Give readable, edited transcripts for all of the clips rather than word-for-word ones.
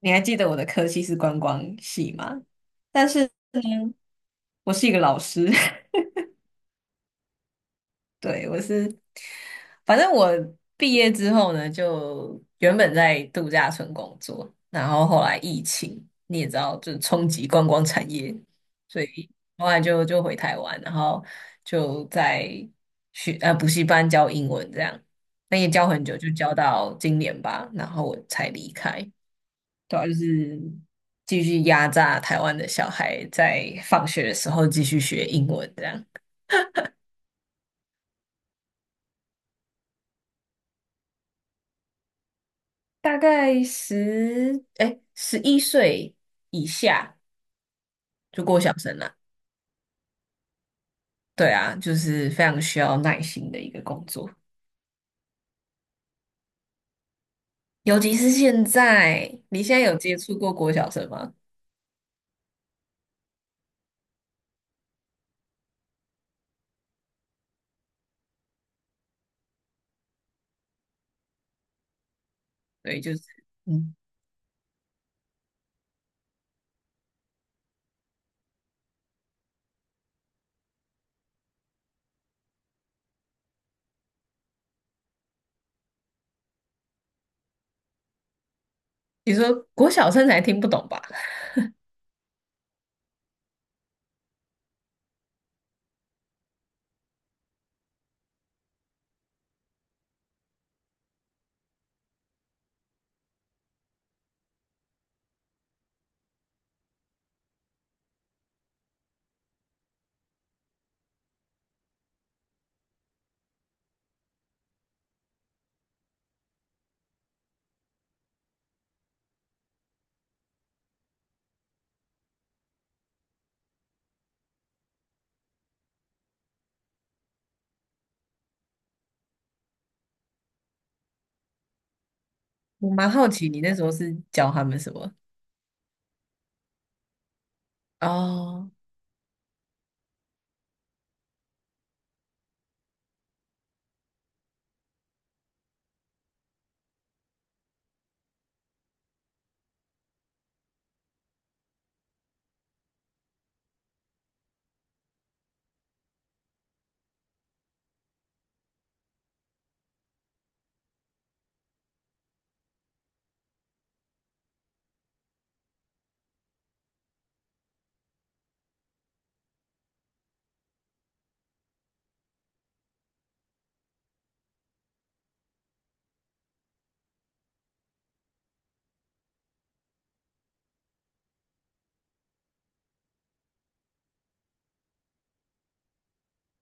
你还记得我的科系是观光系吗？但是呢，我是一个老师，对，我是，反正我毕业之后呢，就原本在度假村工作，然后后来疫情，你也知道，就是冲击观光产业，所以后来就回台湾，然后就在补习班教英文这样，那也教很久，就教到今年吧，然后我才离开。对啊，就是继续压榨台湾的小孩，在放学的时候继续学英文，这样大概11岁以下就过小生了。对啊，就是非常需要耐心的一个工作，尤其是现在，你现在有接触过国小生吗？对，就是嗯，你说国小生才听不懂吧？我蛮好奇你那时候是教他们什么？哦，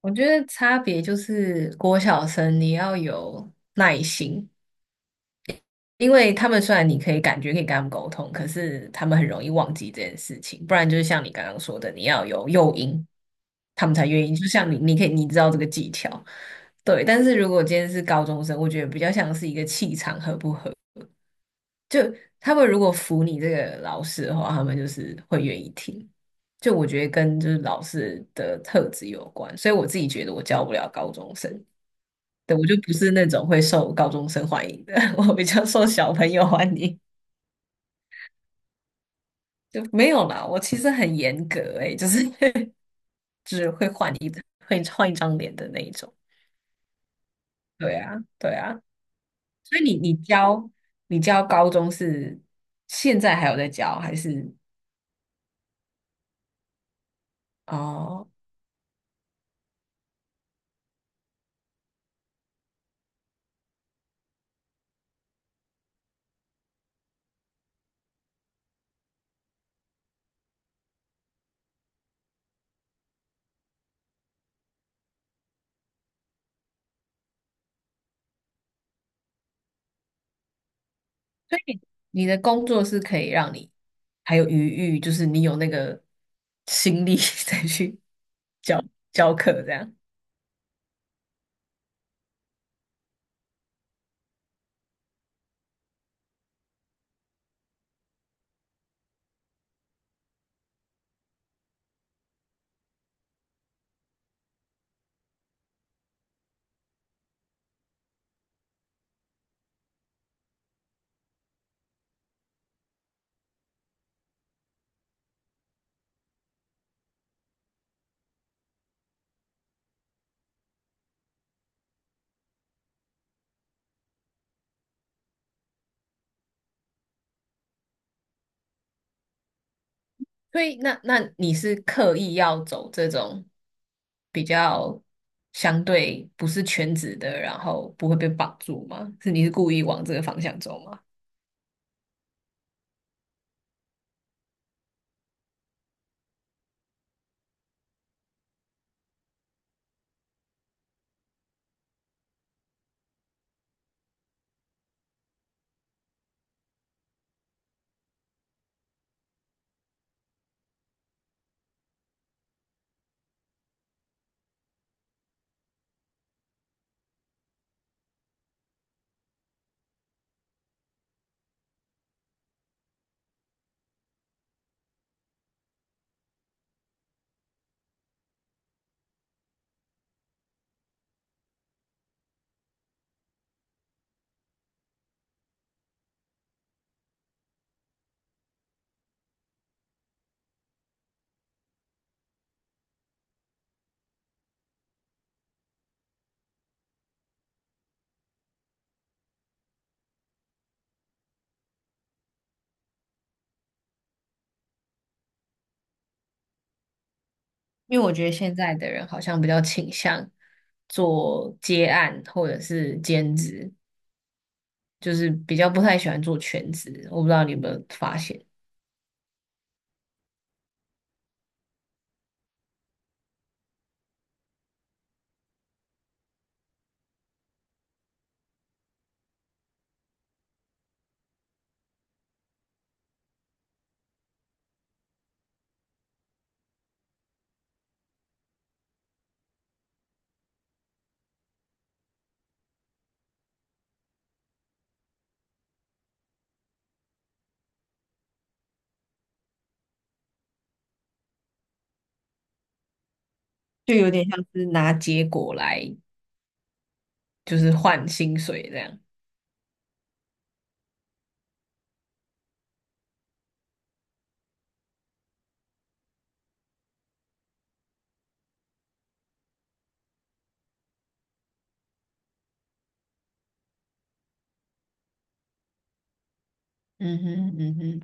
我觉得差别就是国小生你要有耐心，因为他们虽然你可以感觉可以跟他们沟通，可是他们很容易忘记这件事情。不然就是像你刚刚说的，你要有诱因，他们才愿意。就像你，你可以你知道这个技巧，对。但是如果今天是高中生，我觉得比较像是一个气场合不合。就他们如果服你这个老师的话，他们就是会愿意听。就我觉得跟就是老师的特质有关，所以我自己觉得我教不了高中生。对，我就不是那种会受高中生欢迎的，我比较受小朋友欢迎。就没有啦，我其实很严格诶、就是 会换一张脸的那一种。对啊，对啊。所以你你教你教高中是现在还有在教，还是哦？你的工作是可以让你还有余裕，就是你有那个心力 再去教教课这样。所以那你是刻意要走这种比较相对不是全职的，然后不会被绑住吗？是你是故意往这个方向走吗？因为我觉得现在的人好像比较倾向做接案或者是兼职，就是比较不太喜欢做全职。我不知道你有没有发现，就有点像是拿结果来就是换薪水这样。嗯哼嗯哼。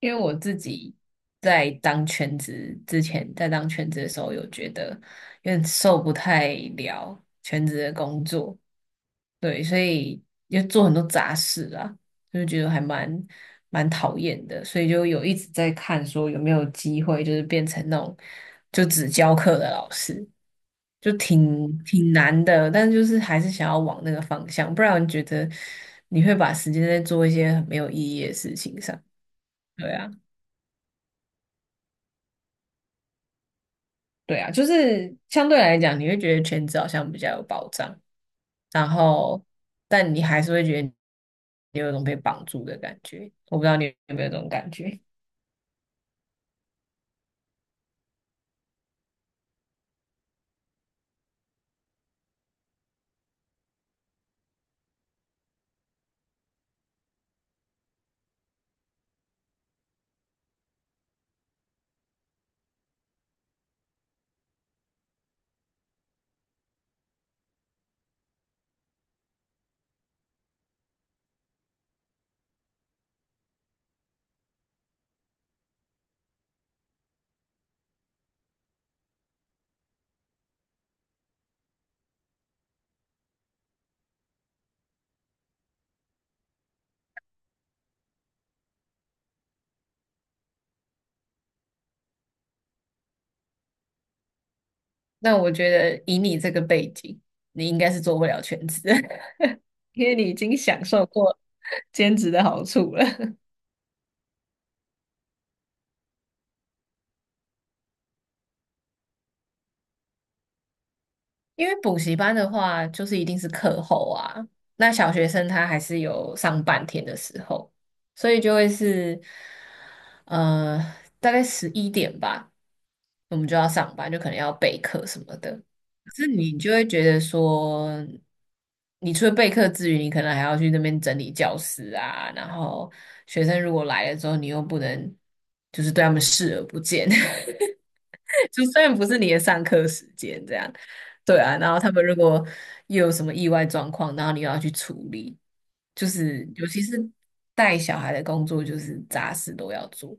因为我自己在当全职之前，在当全职的时候，有觉得有点受不太了全职的工作，对，所以就做很多杂事啊，就觉得还蛮讨厌的，所以就有一直在看说有没有机会，就是变成那种就只教课的老师，就挺难的，但就是还是想要往那个方向，不然觉得你会把时间在做一些很没有意义的事情上，对啊。对啊，就是相对来讲，你会觉得全职好像比较有保障，然后但你还是会觉得你有一种被绑住的感觉。我不知道你有没有这种感觉。那我觉得以你这个背景，你应该是做不了全职的，因为你已经享受过兼职的好处了。因为补习班的话，就是一定是课后啊。那小学生他还是有上半天的时候，所以就会是，呃，大概11点吧，我们就要上班，就可能要备课什么的。可是你就会觉得说，你除了备课之余，你可能还要去那边整理教室啊，然后学生如果来了之后，你又不能就是对他们视而不见，就虽然不是你的上课时间这样。对啊，然后他们如果又有什么意外状况，然后你又要去处理，就是尤其是带小孩的工作，就是杂事都要做。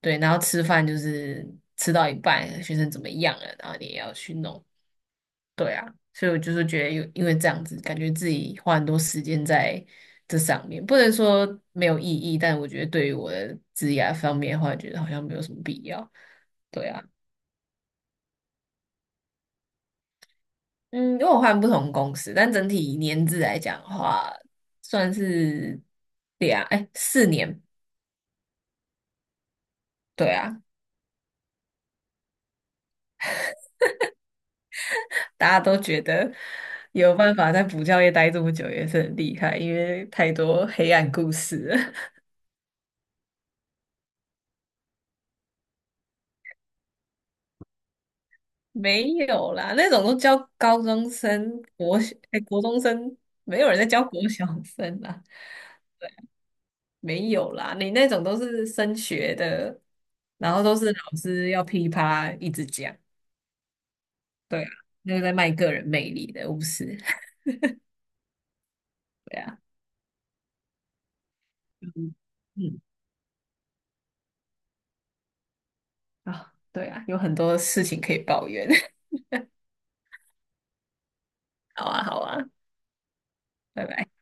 对，然后吃饭就是吃到一半，学生怎么样了，然后你也要去弄。对啊，所以我就是觉得有，因为这样子，感觉自己花很多时间在这上面，不能说没有意义，但我觉得对于我的职业方面的话，觉得好像没有什么必要。对啊。嗯，因为我换不同公司，但整体年资来讲的话，算是两，哎，4年，对啊，大家都觉得有办法在补教业待这么久也是很厉害，因为太多黑暗故事了。没有啦，那种都教高中生、国小，哎，国中生，没有人在教国小生啦，没有啦，你那种都是升学的，然后都是老师要噼里啪啦一直讲。对啊，那个在卖个人魅力的，不是？对啊，嗯嗯啊，对啊，有很多事情可以抱怨。好啊，好啊，拜拜。